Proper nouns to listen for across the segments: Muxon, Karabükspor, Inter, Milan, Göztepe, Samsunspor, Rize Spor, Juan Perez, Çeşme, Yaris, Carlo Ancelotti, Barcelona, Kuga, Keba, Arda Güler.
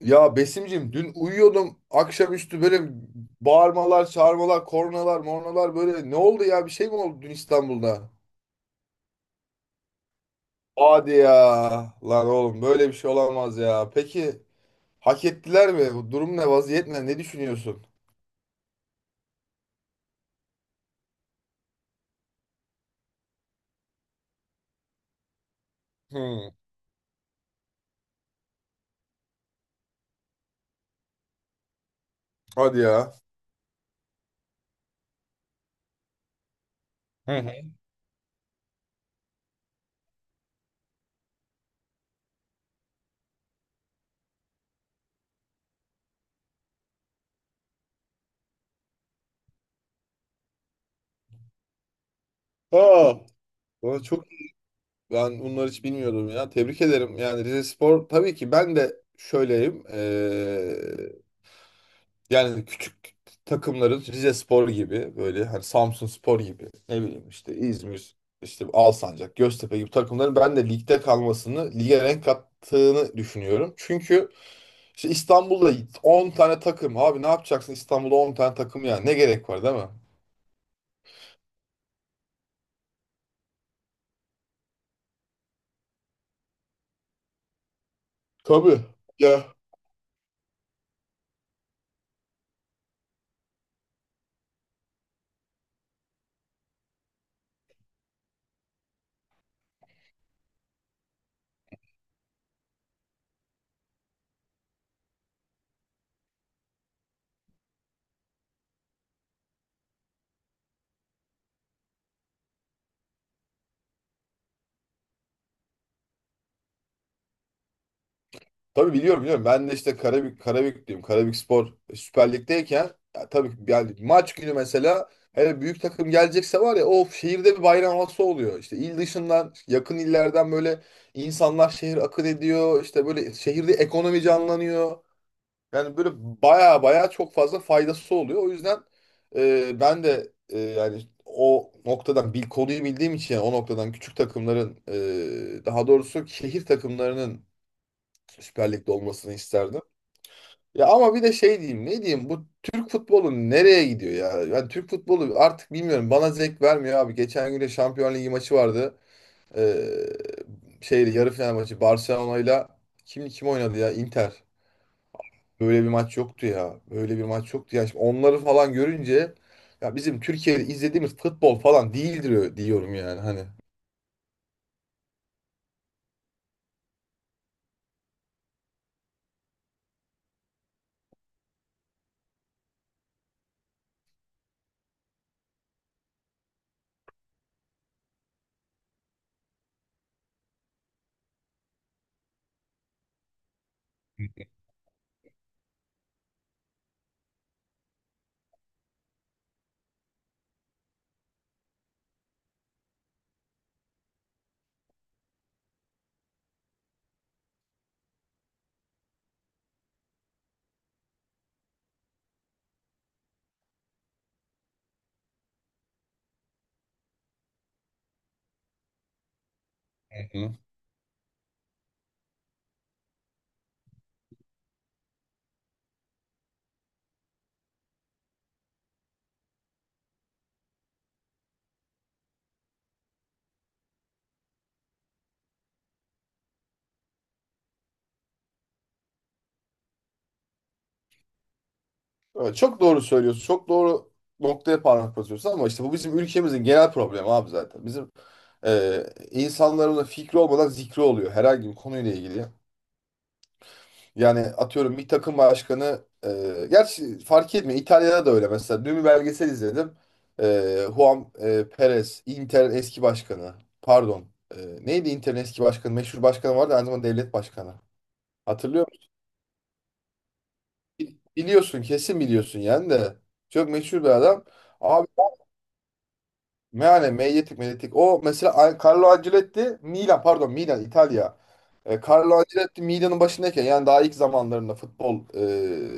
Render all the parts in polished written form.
Ya Besim'cim dün uyuyordum akşamüstü böyle bağırmalar, çağırmalar, kornalar, mornalar, böyle ne oldu ya, bir şey mi oldu dün İstanbul'da? Hadi ya, lan oğlum böyle bir şey olamaz ya. Peki hak ettiler mi? Bu durum ne vaziyet, ne düşünüyorsun? Hmm, hadi ya. Hı hı. Aa, valla çok, ben bunları hiç bilmiyordum ya. Tebrik ederim. Yani Rize Spor tabii ki ben de şöyleyim. Yani küçük takımların, Rizespor gibi, böyle hani Samsunspor gibi, ne bileyim işte İzmir, işte Alsancak, Göztepe gibi takımların ben de ligde kalmasını, lige renk kattığını düşünüyorum. Çünkü işte İstanbul'da 10 tane takım, abi ne yapacaksın İstanbul'da 10 tane takım ya, ne gerek var değil mi? Tabii. Ya tabii, biliyorum biliyorum. Ben de işte Karabük, Karabüklüyüm. Karabükspor Süper Lig'deyken, ya tabii yani maç günü mesela, hele büyük takım gelecekse var ya, of, şehirde bir bayram havası oluyor. İşte il dışından, yakın illerden böyle insanlar şehir akın ediyor. İşte böyle şehirde ekonomi canlanıyor. Yani böyle baya baya çok fazla faydası oluyor. O yüzden ben de yani o noktadan konuyu bildiğim için, yani o noktadan küçük takımların, daha doğrusu şehir takımlarının Süper Lig'de olmasını isterdim. Ya ama bir de şey diyeyim, ne diyeyim, bu Türk futbolu nereye gidiyor ya? Ben Türk futbolu artık bilmiyorum, bana zevk vermiyor abi. Geçen gün de Şampiyon Ligi maçı vardı. Ee, Şeydi, yarı final maçı, Barcelona ile kim oynadı ya? Inter. Böyle bir maç yoktu ya. Böyle bir maç yoktu ya. Şimdi onları falan görünce, ya bizim Türkiye'de izlediğimiz futbol falan değildir diyorum yani, hani. Hı. Evet, çok doğru söylüyorsun. Çok doğru noktaya parmak basıyorsun ama işte bu bizim ülkemizin genel problemi abi zaten. Bizim e, insanların da fikri olmadan zikri oluyor herhangi bir konuyla ilgili. Yani atıyorum, bir takım başkanı gerçi fark etmiyor. İtalya'da da öyle mesela. Dün bir belgesel izledim. Juan Perez, Inter'in eski başkanı. Pardon. E, Neydi Inter'in eski başkanı? Meşhur başkanı vardı, aynı zamanda devlet başkanı. Hatırlıyor musun? Biliyorsun, kesin biliyorsun yani de. Çok meşhur bir adam. Yani Medyatik, Medyatik. O mesela Carlo Ancelotti Milan, pardon Milan, İtalya. Carlo Ancelotti Milan'ın başındayken, yani daha ilk zamanlarında futbol,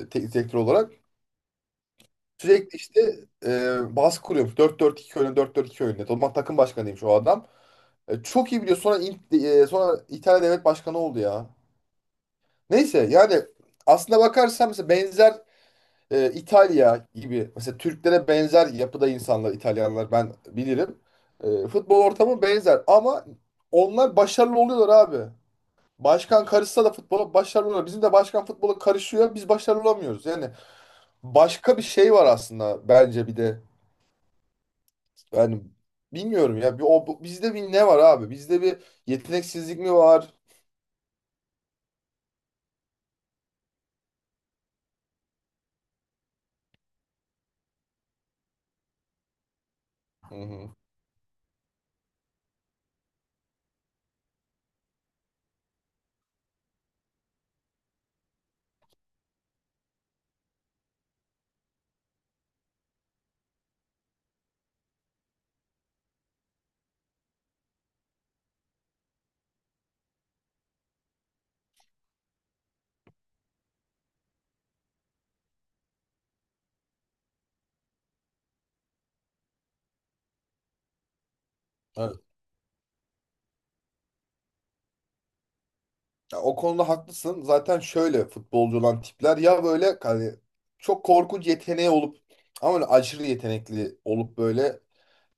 teknik direktör olarak sürekli işte baskı kuruyormuş. Dört 4 2 oyunu, dört 4 2 oyunu. O zaman takım başkanıymış o adam. Çok iyi biliyor. Sonra sonra İtalya devlet başkanı oldu ya. Neyse, yani aslında bakarsan mesela benzer, İtalya gibi, mesela Türklere benzer yapıda insanlar İtalyanlar, ben bilirim. Futbol ortamı benzer ama onlar başarılı oluyorlar abi. Başkan karışsa da futbola başarılı oluyor. Bizim de başkan futbola karışıyor. Biz başarılı olamıyoruz. Yani başka bir şey var aslında bence bir de. Yani bilmiyorum ya. Bizde bir ne var abi? Bizde bir yeteneksizlik mi var? Hı hı. Ya o konuda haklısın. Zaten şöyle futbolcu olan tipler, ya böyle hani çok korkunç yeteneği olup, ama öyle aşırı yetenekli olup böyle,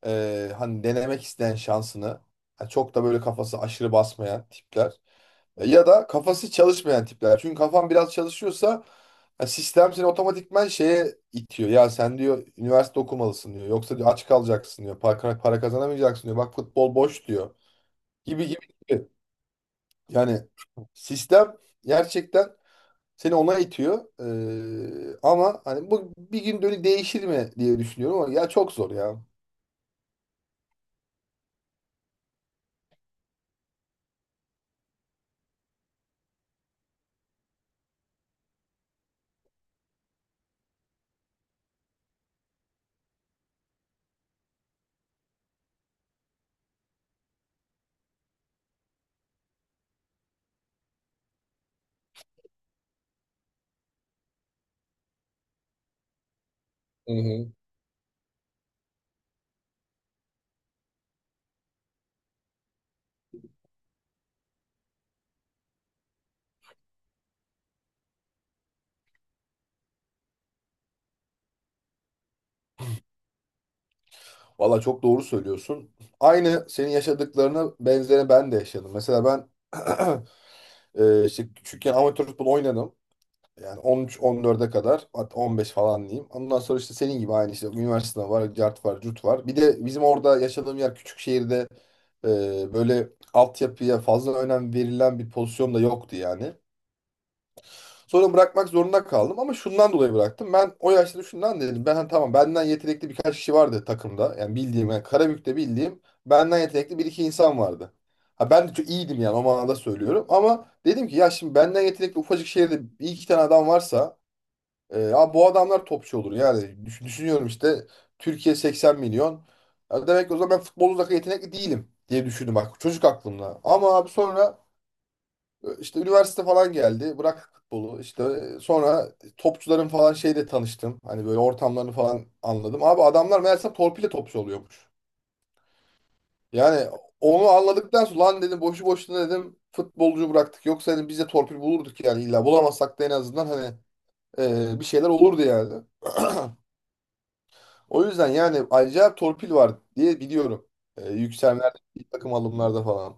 hani denemek isteyen, şansını, yani çok da böyle kafası aşırı basmayan tipler. Ya da kafası çalışmayan tipler. Çünkü kafan biraz çalışıyorsa ya, sistem seni otomatikman şeye itiyor. Ya sen, diyor, üniversite okumalısın diyor. Yoksa, diyor, aç kalacaksın diyor. Para kazanamayacaksın diyor. Bak, futbol boş diyor. Gibi gibi gibi. Yani sistem gerçekten seni ona itiyor. Ama hani bu bir gün dönü değişir mi diye düşünüyorum, ama ya çok zor ya. Hı hı. Valla çok doğru söylüyorsun. Aynı senin yaşadıklarına benzeri ben de yaşadım. Mesela ben işte küçükken amatör futbol oynadım. Yani 13-14'e kadar, hatta 15 falan diyeyim. Ondan sonra işte senin gibi aynı, işte üniversite var, cart var, cut var. Bir de bizim orada, yaşadığım yer küçük şehirde, böyle altyapıya fazla önem verilen bir pozisyon da yoktu yani. Sonra bırakmak zorunda kaldım ama şundan dolayı bıraktım. Ben o yaşta şundan dedim. Ben hani, tamam, benden yetenekli birkaç kişi vardı takımda. Yani bildiğim, yani Karabük'te bildiğim benden yetenekli bir iki insan vardı. Ha, ben de çok iyiydim yani, o manada söylüyorum. Ama dedim ki, ya şimdi benden yetenekli ufacık şehirde bir iki tane adam varsa, ya bu adamlar topçu olur. Yani düşünüyorum işte, Türkiye 80 milyon. Ya demek ki o zaman ben futbol uzak, yetenekli değilim diye düşündüm bak, çocuk aklımda. Ama abi sonra işte üniversite falan geldi. Bırak futbolu. İşte sonra topçuların falan şeyle tanıştım. Hani böyle ortamlarını falan anladım. Abi adamlar meğerse torpille topçu oluyormuş. Yani onu anladıktan sonra, lan dedim, boşu boşuna dedim futbolcu bıraktık. Yoksa, dedim, biz de torpil bulurduk, yani illa bulamazsak da en azından hani bir şeyler olurdu yani. O yüzden yani acayip torpil var diye biliyorum. Yükselmelerde, milli takım alımlarda falan.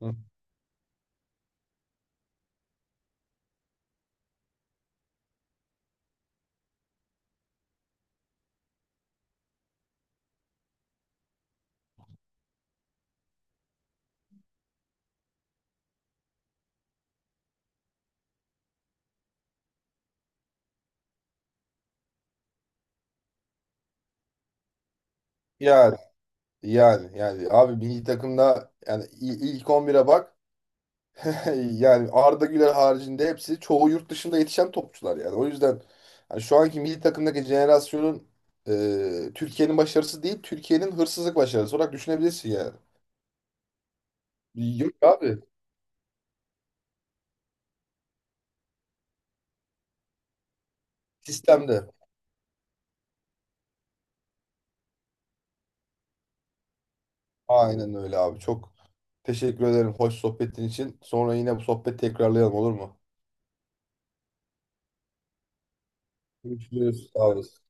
Hı. Yani yani abi, milli takımda yani ilk 11'e bak. Yani Arda Güler haricinde hepsi, çoğu yurt dışında yetişen topçular yani. O yüzden hani şu anki milli takımdaki jenerasyonun, Türkiye'nin başarısı değil, Türkiye'nin hırsızlık başarısı olarak düşünebilirsin yani. Yok abi. Sistemde. Aynen öyle abi. Çok teşekkür ederim hoş sohbetin için. Sonra yine bu sohbet tekrarlayalım, olur mu? Görüşürüz. Sağ olasın.